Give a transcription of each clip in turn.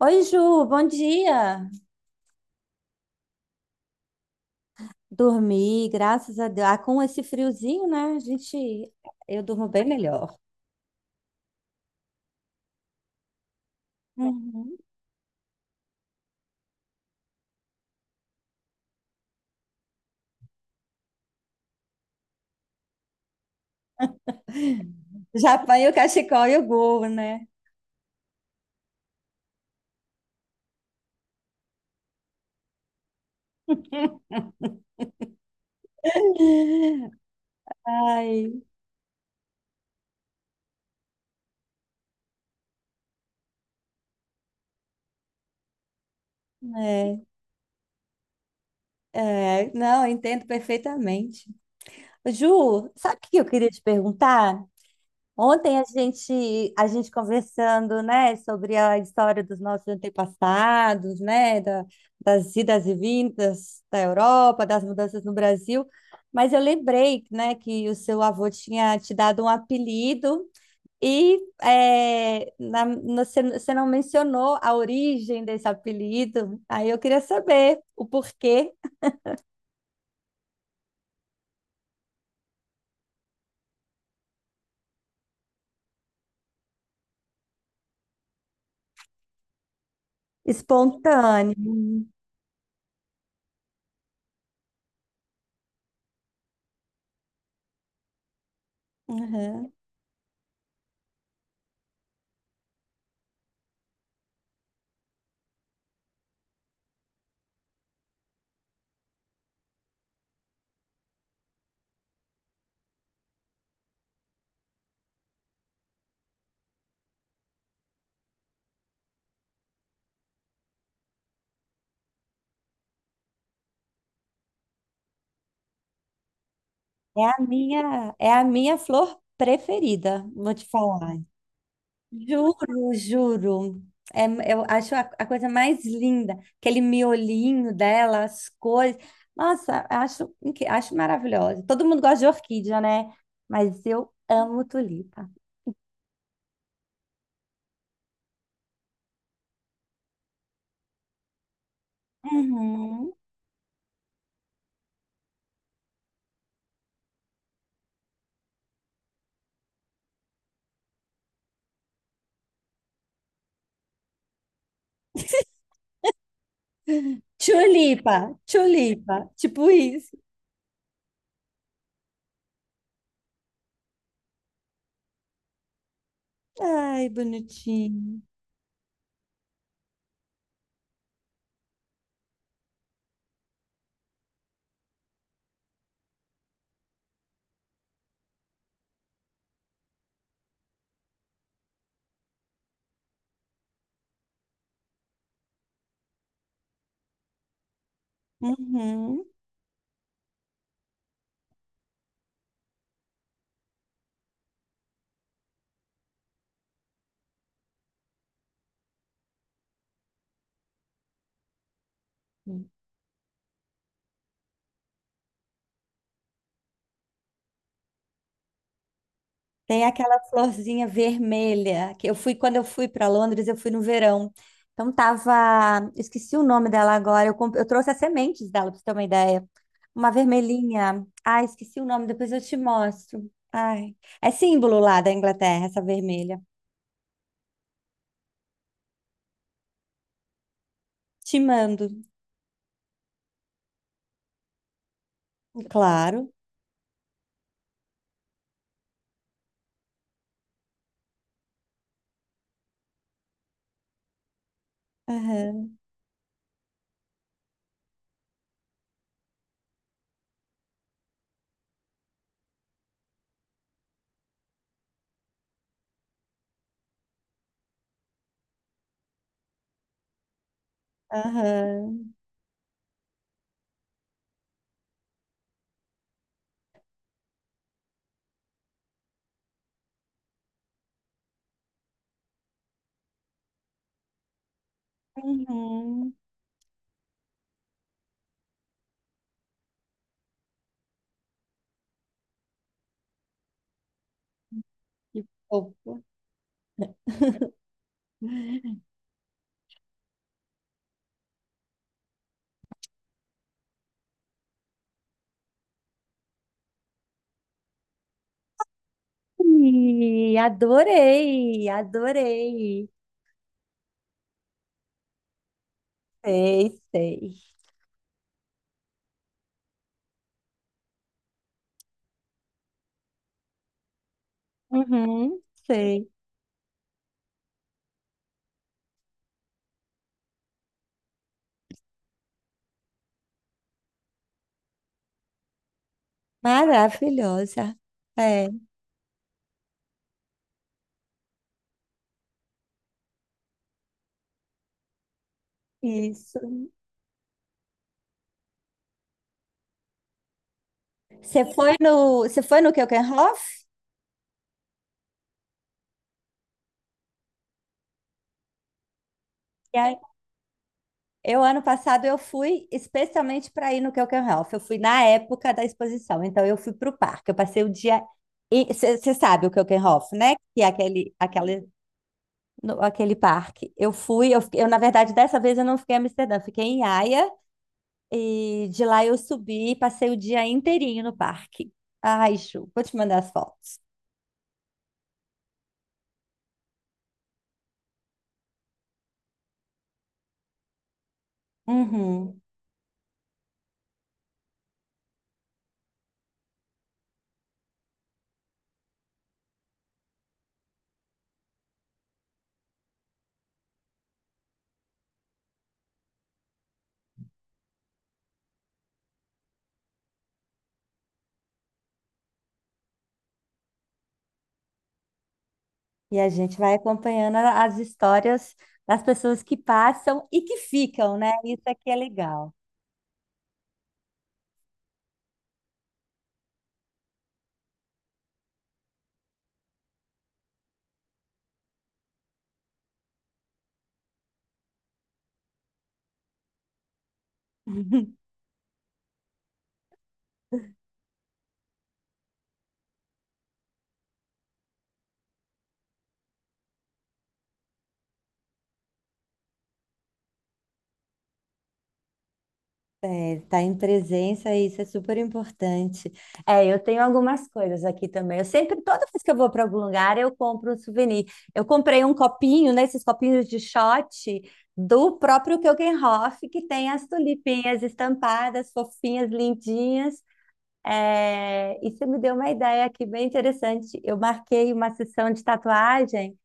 Oi, Ju, bom dia. Dormi, graças a Deus. Ah, com esse friozinho, né? Eu durmo bem melhor. Uhum. Já apanhei o cachecol e o gorro, né? Ai, é, não, eu entendo perfeitamente. Ju, sabe o que eu queria te perguntar? Ontem a gente conversando, né, sobre a história dos nossos antepassados, né, das idas e vindas da Europa, das mudanças no Brasil, mas eu lembrei, né, que o seu avô tinha te dado um apelido e você não mencionou a origem desse apelido, aí eu queria saber o porquê. Espontâneo. Uhum. É a minha flor preferida, vou te falar. Juro, juro. É, eu acho a coisa mais linda, aquele miolinho dela, as cores. Nossa, acho maravilhosa. Todo mundo gosta de orquídea, né? Mas eu amo tulipa. Uhum. Tulipa, tulipa, tipo isso. Ai, bonitinho. Uhum. Tem aquela florzinha vermelha que eu fui quando eu fui para Londres, eu fui no verão. Então tava, esqueci o nome dela agora. Eu trouxe as sementes dela para você ter uma ideia. Uma vermelhinha. Ai, esqueci o nome, depois eu te mostro. Ai, é símbolo lá da Inglaterra essa vermelha. Te mando, claro. Aham, aham. Uhum. Que fofo. Ih, adorei, adorei. Sei, sei. Uhum, sei. Maravilhosa. É, isso. Você foi no Keukenhof? E aí, eu, ano passado, eu fui especialmente para ir no Keukenhof. Eu fui na época da exposição, então eu fui para o parque. Eu passei o dia. Você sabe o Keukenhof, né? Que é aquele, aquele, no- aquele parque. Eu, na verdade, dessa vez eu não fiquei em Amsterdã, eu fiquei em Haia. E de lá eu subi e passei o dia inteirinho no parque. Ai, Ju, vou te mandar as fotos. Uhum. E a gente vai acompanhando as histórias das pessoas que passam e que ficam, né? Isso aqui é legal. É, tá em presença, isso é super importante. É, eu tenho algumas coisas aqui também. Eu sempre, toda vez que eu vou para algum lugar, eu compro um souvenir. Eu comprei um copinho, né? Esses copinhos de shot do próprio Keukenhof, que tem as tulipinhas estampadas, fofinhas, lindinhas. É, e você me deu uma ideia aqui bem interessante. Eu marquei uma sessão de tatuagem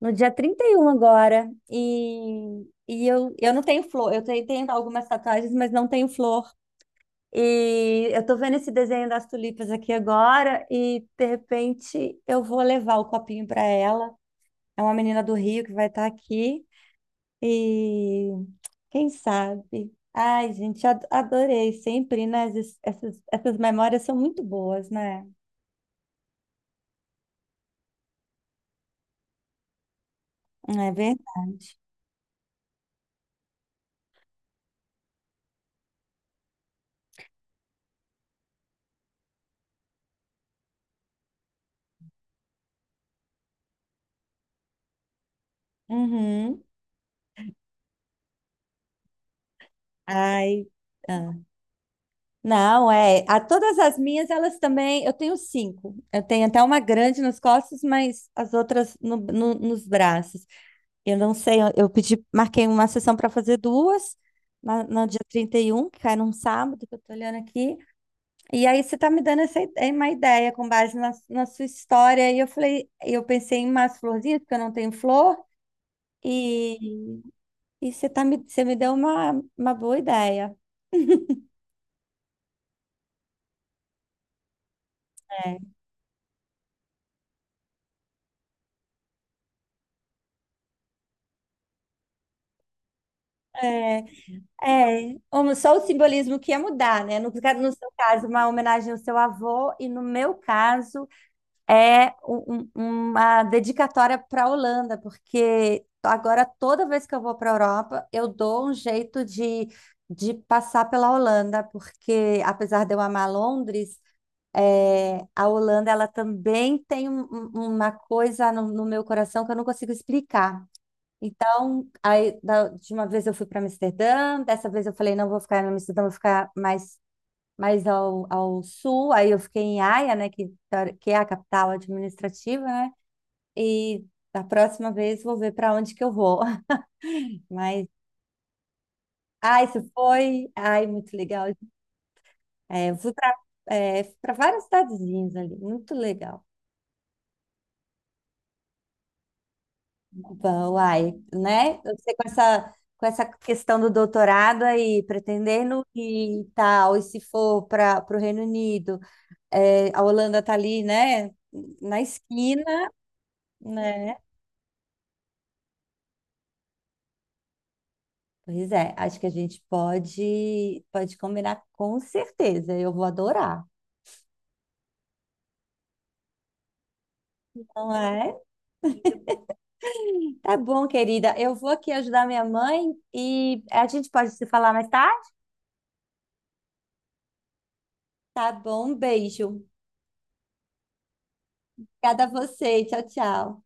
no dia 31 agora. E eu não tenho flor. Eu tenho, tenho algumas tatuagens, mas não tenho flor. E eu tô vendo esse desenho das tulipas aqui agora. E de repente eu vou levar o copinho para ela. É uma menina do Rio que vai estar aqui. E quem sabe? Ai, gente, adorei sempre, né? Essas memórias são muito boas, né? É verdade. Uhum. Ai. Ah. Não, é. A todas as minhas, elas também. Eu tenho 5. Eu tenho até uma grande nas costas, mas as outras nos braços. Eu não sei. Eu pedi, marquei uma sessão para fazer duas no dia 31, que cai num sábado, que eu tô olhando aqui. E aí você tá me dando essa ideia, uma ideia com base na sua história. Eu pensei em umas florzinhas, porque eu não tenho flor. E e você tá me, você me deu uma boa ideia. É, é. Um- só o simbolismo que ia mudar, né? No seu caso, uma homenagem ao seu avô, e no meu caso, é uma dedicatória para a Holanda, porque agora toda vez que eu vou para a Europa, eu dou um jeito de passar pela Holanda, porque apesar de eu amar Londres, é, a Holanda ela também tem uma coisa no meu coração que eu não consigo explicar. Então, aí, da última vez eu fui para Amsterdã, dessa vez eu falei, não vou ficar em Amsterdã, mais ao sul. Aí eu fiquei em Haia, né, que, teori- que é a capital administrativa, né? E da próxima vez vou ver para onde que eu vou. Mas, ah, isso foi, ai, muito legal. É, eu fui para para várias cidadezinhas ali, muito legal. Bom, Uai, né? Você com essa questão do doutorado aí, pretendendo e tal, e se for para o Reino Unido, é, a Holanda tá ali, né? Na esquina, né? Pois é, acho que pode combinar com certeza. Eu vou adorar. Não é? Tá bom, querida. Eu vou aqui ajudar minha mãe e a gente pode se falar mais tarde? Tá bom, um beijo. Obrigada a você. Tchau, tchau.